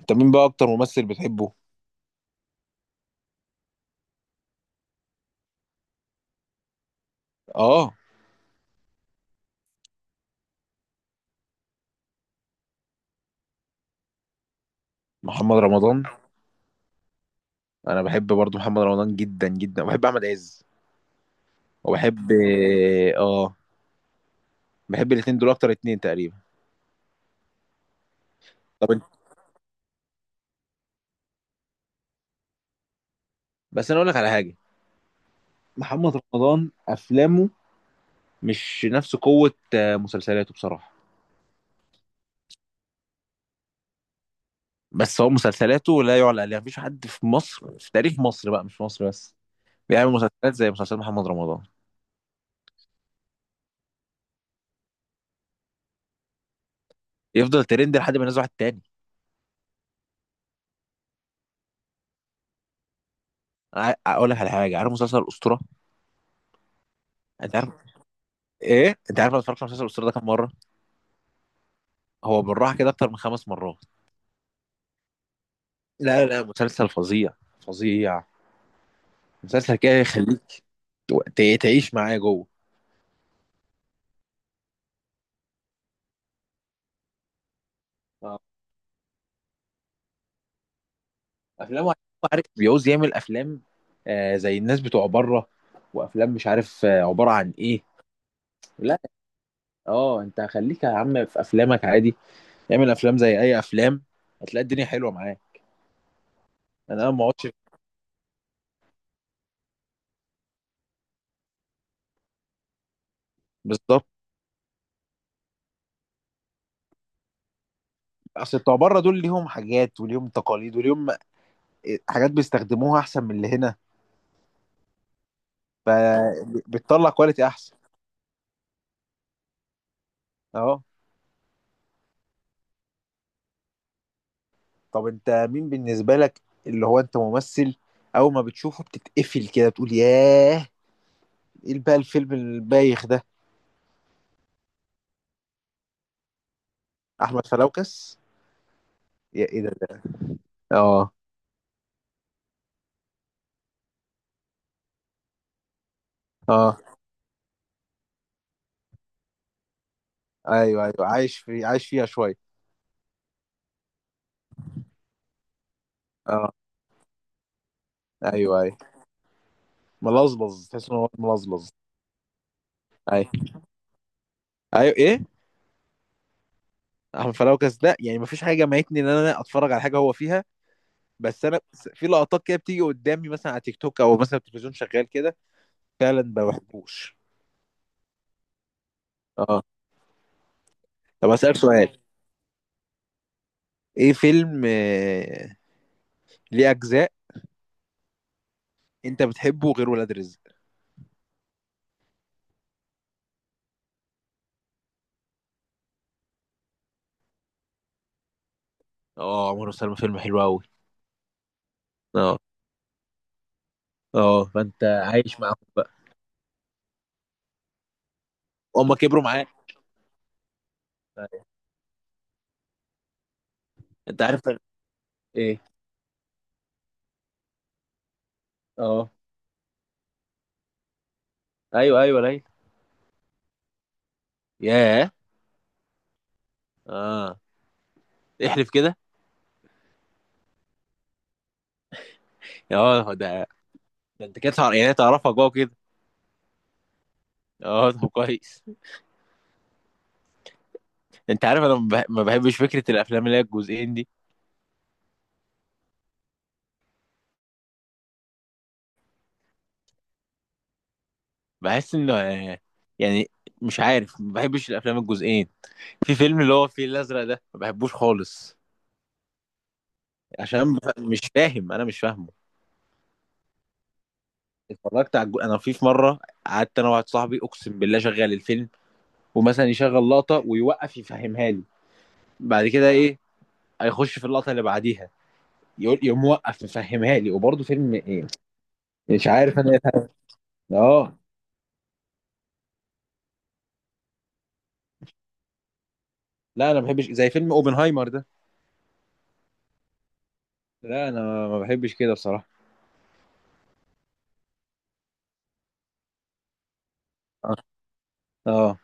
انت مين بقى اكتر ممثل بتحبه؟ اه. محمد رمضان. انا بحب برضو محمد رمضان جدا جدا وبحب احمد عز وبحب اه بحب الاتنين دول اكتر اتنين تقريبا. طب انت، بس انا اقول لك على حاجه. محمد رمضان افلامه مش نفس قوه، مسلسلاته بصراحه. بس هو مسلسلاته لا يعلى عليها، مفيش حد في مصر في تاريخ مصر بقى، مش في مصر بس، بيعمل مسلسلات زي مسلسل محمد رمضان. يفضل ترند لحد ما ينزل واحد تاني. اقول لك على حاجه. عارف مسلسل الاسطوره؟ انت عارف ايه، انت عارف انا اتفرجت على مسلسل الاسطوره ده كام مره؟ هو بالراحه كده اكتر من 5 مرات. لا لا لا، مسلسل فظيع. فظيع. مسلسل كده يخليك تعيش معاه جوه. آه. افلام، عارف، بيعوز يعمل افلام، زي الناس بتوع بره، وافلام مش عارف عباره عن ايه. لا، اه انت خليك يا عم في افلامك عادي. اعمل افلام زي اي افلام، هتلاقي الدنيا حلوه معاه. انا ما اقعدش. بالظبط. اصل بتوع بره دول ليهم حاجات وليهم تقاليد وليهم، حاجات بيستخدموها احسن من اللي هنا. فبتطلع كواليتي احسن. اه. طب انت مين بالنسبة لك، اللي هو انت ممثل اول ما بتشوفه بتتقفل كده بتقول ياه، ايه بقى الفيلم البايخ ده؟ احمد فلوكس. يا ايه ده؟ اه. اه. ايوه ايوه عايش فيها شوية. اه. ايوه ايوه ملظلظ، تحس ان هو ملظلظ. ايوه ايوه ايه. احمد فلوكس ده يعني مفيش حاجة جمعتني ان انا اتفرج على حاجة هو فيها. بس انا في لقطات كده بتيجي قدامي مثلا على تيك توك او مثلا التلفزيون شغال كده. فعلا ما بحبوش. اه. طب اسالك سؤال، ايه فيلم، ليه اجزاء، انت بتحبه غير ولاد رزق؟ اه، عمر وسلمى فيلم حلو قوي. اه اه، فانت عايش معاهم بقى. هما كبروا معاك. انت عارف ايه. اه. ايوه ايوه ليلى. ياه. اه، احلف كده. اه. ده انت كده تعرف، يعني تعرفها جوه كده. اه طب كويس. انت عارف انا ما بحبش فكره الافلام اللي هي الجزئين دي. بحس انه، يعني مش عارف، ما بحبش الافلام الجزئين. في فيلم اللي هو الفيل الازرق ده ما بحبوش خالص. عشان مش فاهم، انا مش فاهمه. اتفرجت على انا في مره قعدت انا واحد صاحبي اقسم بالله شغال الفيلم، ومثلا يشغل لقطه ويوقف يفهمها لي. بعد كده ايه، هيخش في اللقطه اللي بعديها يقوم موقف يفهمها لي، وبرضه فيلم ايه. مش عارف انا إيه. فهم- اه لا انا ما بحبش زي فيلم اوبنهايمر ده. لا انا ما بحبش كده بصراحه. اه. آه.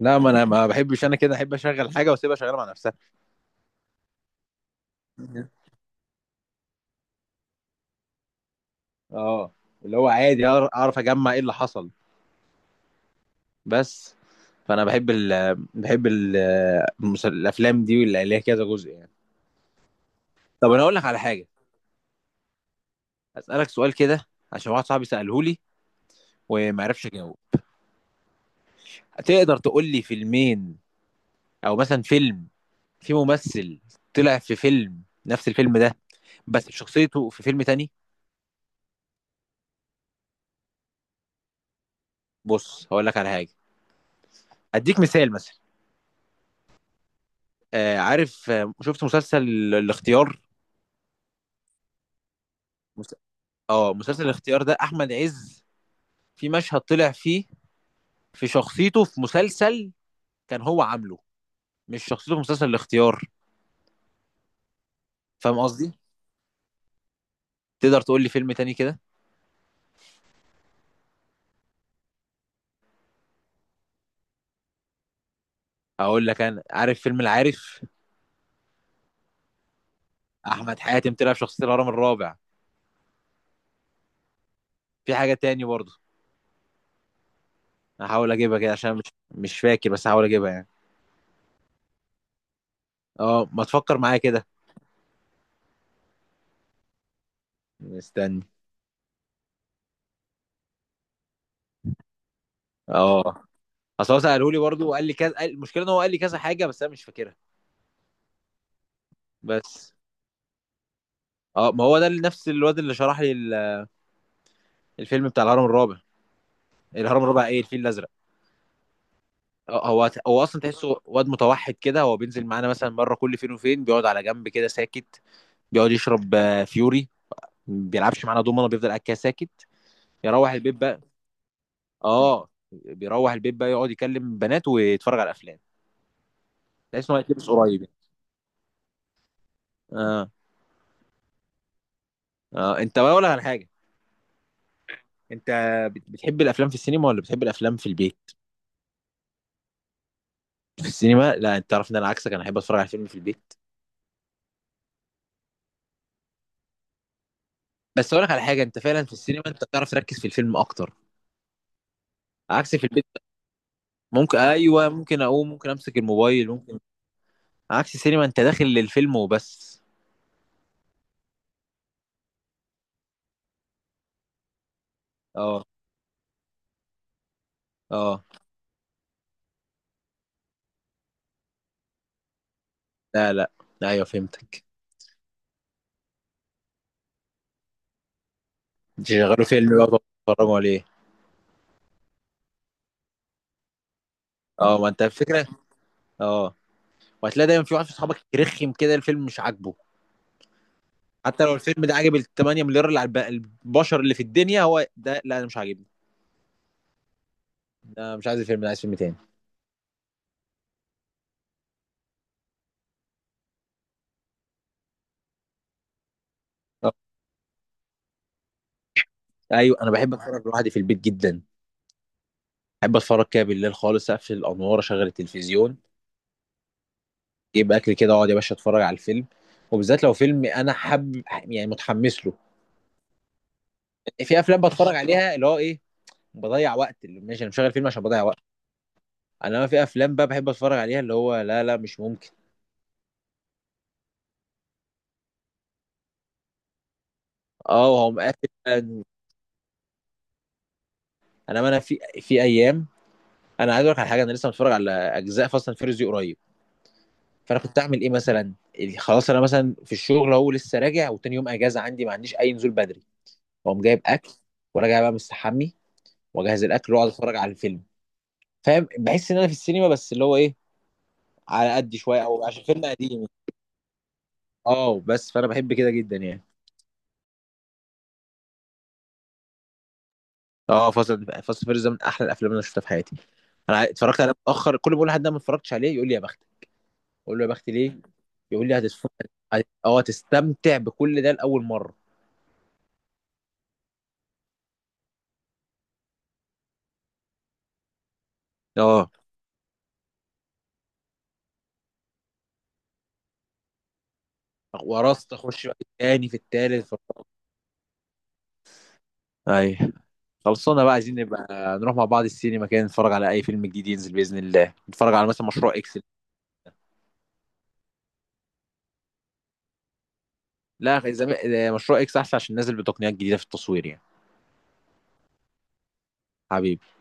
لا، ما انا ما بحبش، انا كده احب اشغل حاجه واسيبها شغاله مع نفسها. اه، اللي هو عادي اعرف اجمع ايه اللي حصل. بس فانا بحب الافلام دي اللي ليها كذا جزء يعني. طب انا اقول لك على حاجه، اسالك سؤال كده عشان واحد صاحبي ساله لي وما عرفش اجاوب. تقدر تقول لي فيلمين، او مثلا فيلم، في ممثل طلع في فيلم نفس الفيلم ده بس شخصيته في فيلم تاني؟ بص، هقول لك على حاجه، اديك مثال مثلا. عارف، شفت مسلسل الاختيار؟ مس- اه مسلسل الاختيار ده احمد عز في مشهد طلع فيه في شخصيته في مسلسل كان هو عامله، مش شخصيته في مسلسل الاختيار. فاهم قصدي؟ تقدر تقول لي فيلم تاني كده؟ اقول لك، انا عارف فيلم العارف، احمد حاتم طلع في شخصيه الهرم الرابع. في حاجه تاني برضه هحاول اجيبها كده، عشان مش فاكر، بس هحاول اجيبها يعني. اه، ما تفكر معايا كده. استنى. اه، اصل هو ساله لي برضه وقال لي كذا، المشكله ان هو قال لي كذا حاجه بس انا مش فاكرها. بس اه، ما هو ده نفس الواد اللي شرح لي الفيلم بتاع الهرم الرابع. الهرم الرابع، ايه، الفيل الازرق. هو اصلا تحسه واد متوحد كده، هو بينزل معانا مثلا مره كل فين وفين، بيقعد على جنب كده ساكت. بيقعد يشرب، فيوري، ما بيلعبش معانا دومنا، بيفضل قاعد كده ساكت. يروح البيت بقى. اه، بيروح البيت بقى يقعد يكلم بنات ويتفرج على افلام. تحس ان هو هيتلبس قريب يعني. اه. اه، انت بقى اقول لك على حاجه. انت بتحب الافلام في السينما ولا بتحب الافلام في البيت؟ في السينما؟ لا، انت تعرف ان انا عكسك، انا احب اتفرج على فيلم في البيت. بس اقول لك على حاجه، انت فعلا في السينما انت بتعرف تركز في الفيلم اكتر. عكس في البيت، ممكن، ايوه، ممكن اقوم، ممكن امسك الموبايل، ممكن. عكس السينما، انت داخل للفيلم وبس. اه. اه. لا لا. ايوه، فهمتك. شغلوا فيلم بقى، بتتفرجوا عليه. اه، ما انت الفكره. اه، وهتلاقي دايما في واحد في اصحابك يرخم كده، الفيلم مش عاجبه. حتى لو الفيلم ده عاجب ال 8 مليار اللي على البشر اللي في الدنيا، هو ده لا، انا مش عاجبني. ده مش عايز الفيلم ده، عايز فيلم تاني. اه ايوه، انا بحب اتفرج لوحدي في البيت جدا. بحب اتفرج كده بالليل خالص، اقفل الانوار اشغل التلفزيون، اجيب اكل كده واقعد يا باشا اتفرج على الفيلم، وبالذات لو فيلم انا حب يعني متحمس له. في افلام بتفرج عليها اللي هو ايه، بضيع وقت، اللي ماشي انا مشغل فيلم عشان بضيع وقت. انا، ما في افلام بقى بحب اتفرج عليها اللي هو لا لا، مش ممكن. اه. وهو مقفل. ما انا في ايام، انا عايز اقول لك على حاجه، انا لسه متفرج على اجزاء فاست اند فيريوس دي قريب. فانا كنت اعمل ايه مثلا اللي خلاص، انا مثلا في الشغل اهو لسه راجع وتاني يوم اجازه عندي ما عنديش اي نزول بدري، واقوم جايب اكل وراجع بقى مستحمي، واجهز الاكل واقعد اتفرج على الفيلم. فاهم، بحس ان انا في السينما، بس اللي هو ايه، على قد شويه، او عشان فيلم قديم. اه، بس فانا بحب كده جدا يعني. اه، فاصل فيرز ده من احلى الافلام اللي انا شفتها في حياتي. انا اتفرجت عليه متاخر، كل ما بقول لحد ده ما اتفرجتش عليه يقول لي يا بختك، اقول له يا بختي ليه؟ يقول لي هتتفرج هت- اه هتستمتع بكل ده لاول مره. اه ورثت اخش بقى في التاني في التالت في الرابع. ايوه خلصونا بقى، عايزين نبقى نروح مع بعض السينما كده، نتفرج على اي فيلم جديد ينزل باذن الله، نتفرج على مثلا مشروع اكس. لا، زمان مشروع اكس احسن عشان نازل بتقنيات جديده في التصوير يعني. حبيبي.